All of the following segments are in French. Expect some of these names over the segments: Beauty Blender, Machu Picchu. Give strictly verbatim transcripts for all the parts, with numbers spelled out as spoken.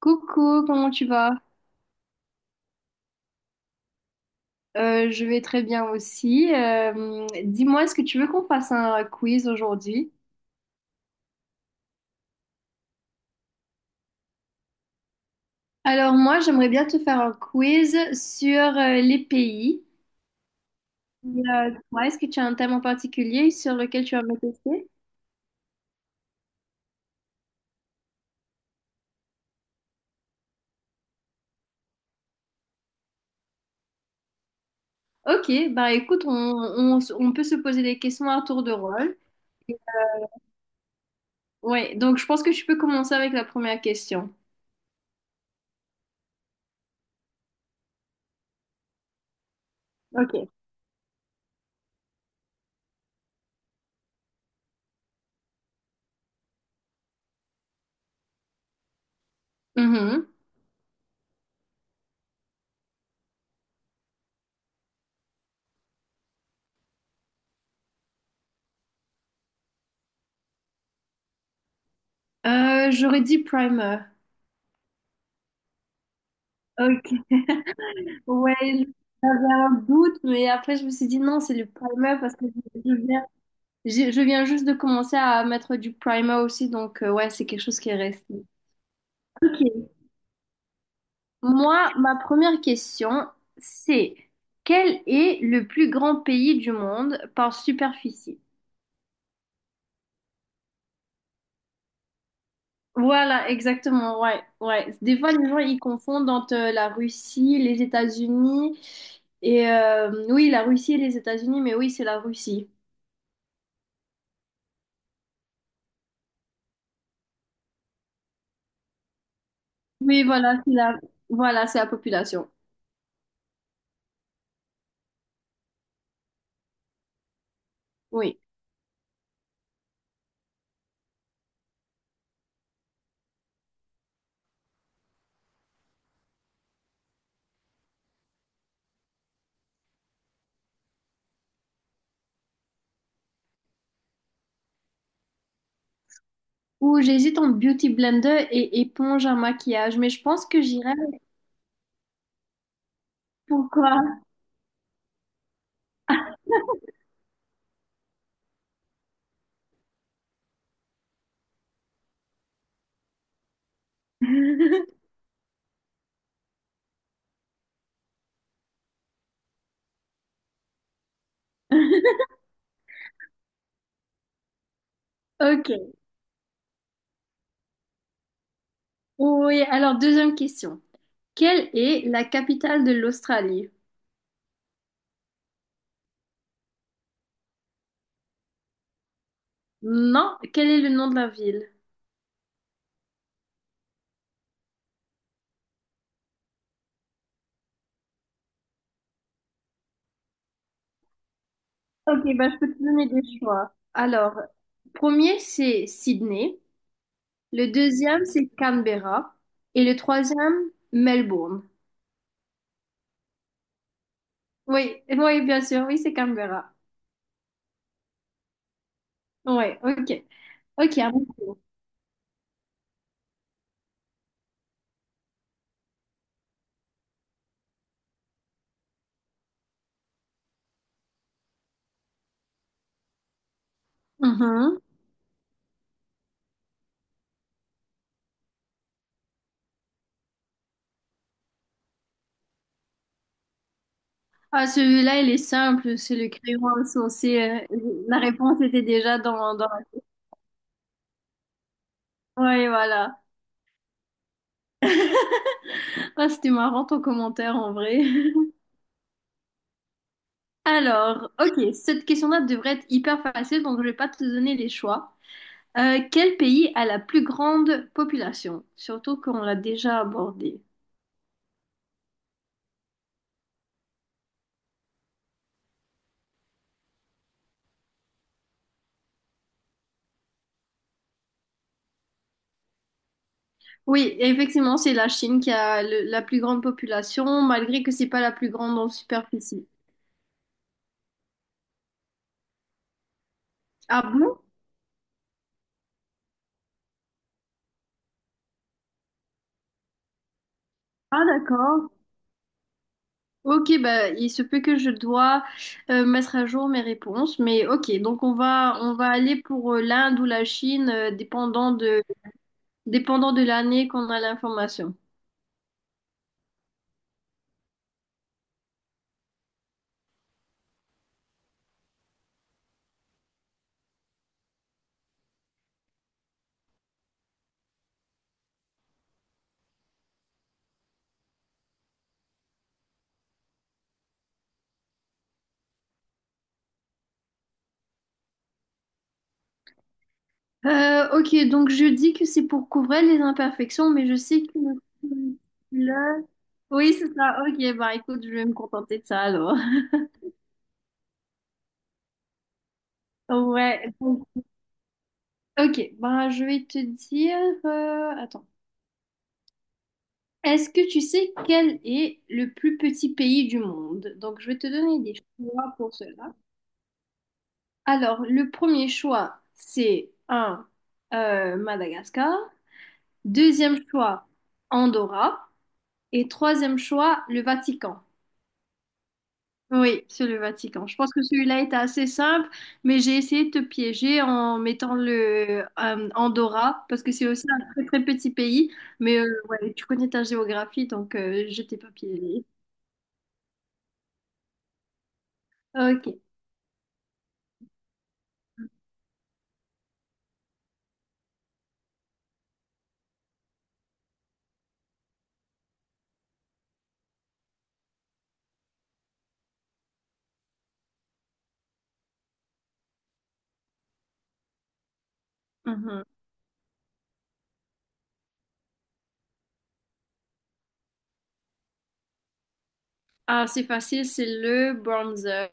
Coucou, comment tu vas? Euh, je vais très bien aussi. Euh, dis-moi, est-ce que tu veux qu'on fasse un quiz aujourd'hui? Alors moi, j'aimerais bien te faire un quiz sur euh, les pays. Euh, toi, est-ce que tu as un thème en particulier sur lequel tu vas me tester? Ok, bah écoute, on, on- on peut se poser des questions à tour de rôle. Ouais, donc je pense que tu peux commencer avec la première question. Ok. Mhm. Euh, j'aurais dit primer. Ok. Ouais, j'avais un doute, mais après je me suis dit non, c'est le primer parce que je je viens, j'ai- je viens juste de commencer à mettre du primer aussi, donc euh, ouais, c'est quelque chose qui est resté. Ok. Moi, ma première question, c'est quel est le plus grand pays du monde par superficie? Voilà, exactement, ouais, ouais. Des fois, les gens, ils confondent entre euh, la Russie, les États-Unis, et euh, oui, la Russie et les États-Unis, mais oui, c'est la Russie. Oui, voilà, c'est la, voilà, c'est la population. Oui. Ou j'hésite entre Beauty Blender et éponge à maquillage, mais je pense que j'irai. Pourquoi? Ok. Oui, alors deuxième question. Quelle est la capitale de l'Australie? Non, quel est le nom de la ville? Ok, bah, je peux te donner des choix. Alors, premier, c'est Sydney. Le deuxième, c'est Canberra. Et le troisième, Melbourne. Oui, oui, bien sûr, oui, c'est Canberra. Ouais, ok. Ok, ah bon. Mhm. Ah, celui-là, il est simple, c'est le crayon insensé. euh, La réponse était déjà dans, dans... Ouais, voilà. Ah, c'était marrant ton commentaire en vrai. Alors, ok, cette question-là devrait être hyper facile, donc je vais pas te donner les choix. Euh, quel pays a la plus grande population? Surtout qu'on l'a déjà abordé. Oui, effectivement, c'est la Chine qui a le- la plus grande population, malgré que c'est pas la plus grande en superficie. Ah bon? Ah d'accord. Ok, bah, il se peut que je dois euh, mettre à jour mes réponses, mais ok, donc on va, on va aller pour euh, l'Inde ou la Chine, euh, dépendant de, dépendant de l'année qu'on a l'information. Euh, ok, donc je dis que c'est pour couvrir les imperfections, mais je sais que le... Oui, c'est ça, ok, bah écoute, je vais me contenter de ça alors. Ouais, donc, ok, bah je vais te dire... euh, Attends. Est-ce que tu sais quel est le plus petit pays du monde? Donc, je vais te donner des choix pour cela. Alors, le premier choix, c'est un euh, Madagascar. Deuxième choix, Andorra. Et troisième choix, le Vatican. Oui, c'est le Vatican. Je pense que celui-là était assez simple, mais j'ai essayé de te piéger en mettant le euh, Andorra, parce que c'est aussi un très très petit pays. Mais euh, ouais, tu connais ta géographie, donc euh, je t'ai pas piégé. Ok. Mhm. Ah, c'est facile, c'est le bronzer.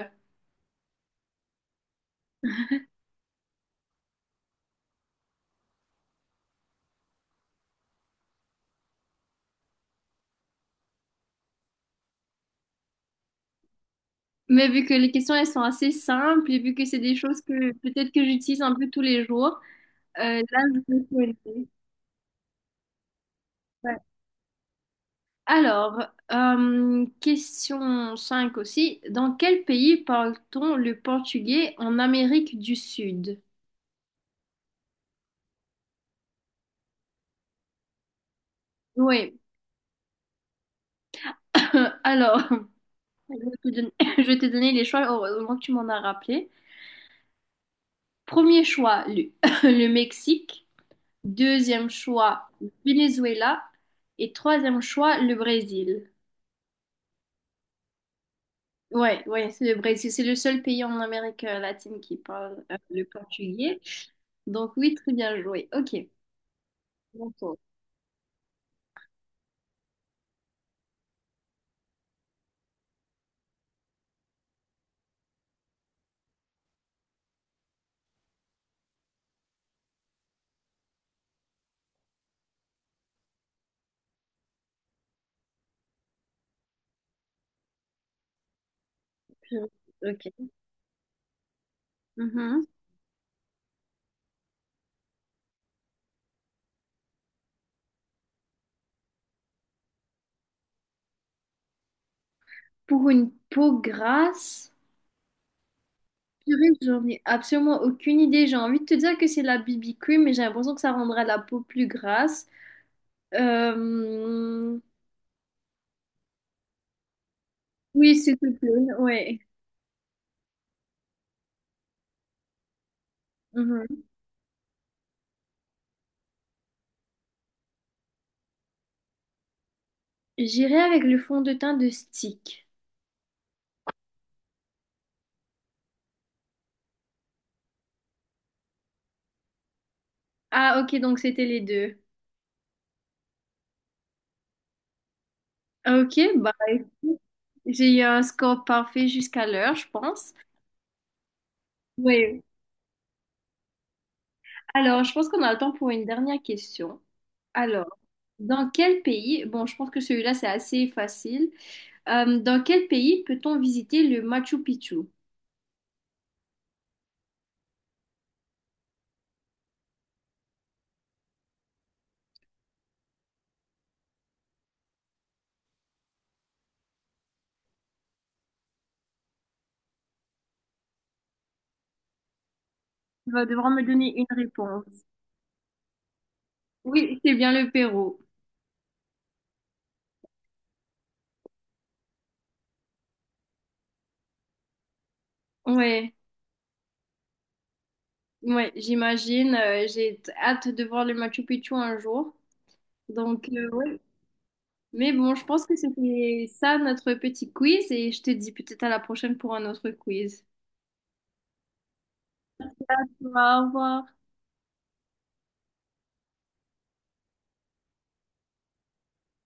Mais vu que les questions, elles sont assez simples et vu que c'est des choses que peut-être que j'utilise un peu tous les jours, euh, là, je vais poser. Ouais. Alors, euh, question cinq aussi. Dans quel pays parle-t-on le portugais en Amérique du Sud? Oui, alors, je vais te donner, je vais te donner les choix, heureusement que tu m'en as rappelé. Premier choix, le, le Mexique. Deuxième choix, Venezuela. Et troisième choix, le Brésil. Ouais, ouais, c'est le Brésil. C'est le seul pays en Amérique latine qui parle euh, le portugais. Donc oui, très bien joué. Ok. Bon tour. Purée. Ok. Mhm. Pour une peau grasse, purée, j'en ai absolument aucune idée. J'ai envie de te dire que c'est la B B cream, mais j'ai l'impression que ça rendra la peau plus grasse. Euh, Oui, s'il te plaît. Ouais. Mhm. J'irai avec le fond de teint de Stick. Ah, ok, donc c'était les deux. Ok, bah écoute, j'ai eu un score parfait jusqu'à l'heure, je pense. Oui. Alors, je pense qu'on a le temps pour une dernière question. Alors, dans quel pays, bon, je pense que celui-là, c'est assez facile. Euh, dans quel pays peut-on visiter le Machu Picchu? Tu vas devoir me donner une réponse. Oui, c'est bien le Pérou. Ouais, ouais, j'imagine. Euh, j'ai hâte de voir le Machu Picchu un jour. Donc, oui. Mais bon, je pense que c'était ça notre petit quiz et je te dis peut-être à la prochaine pour un autre quiz. Au revoir.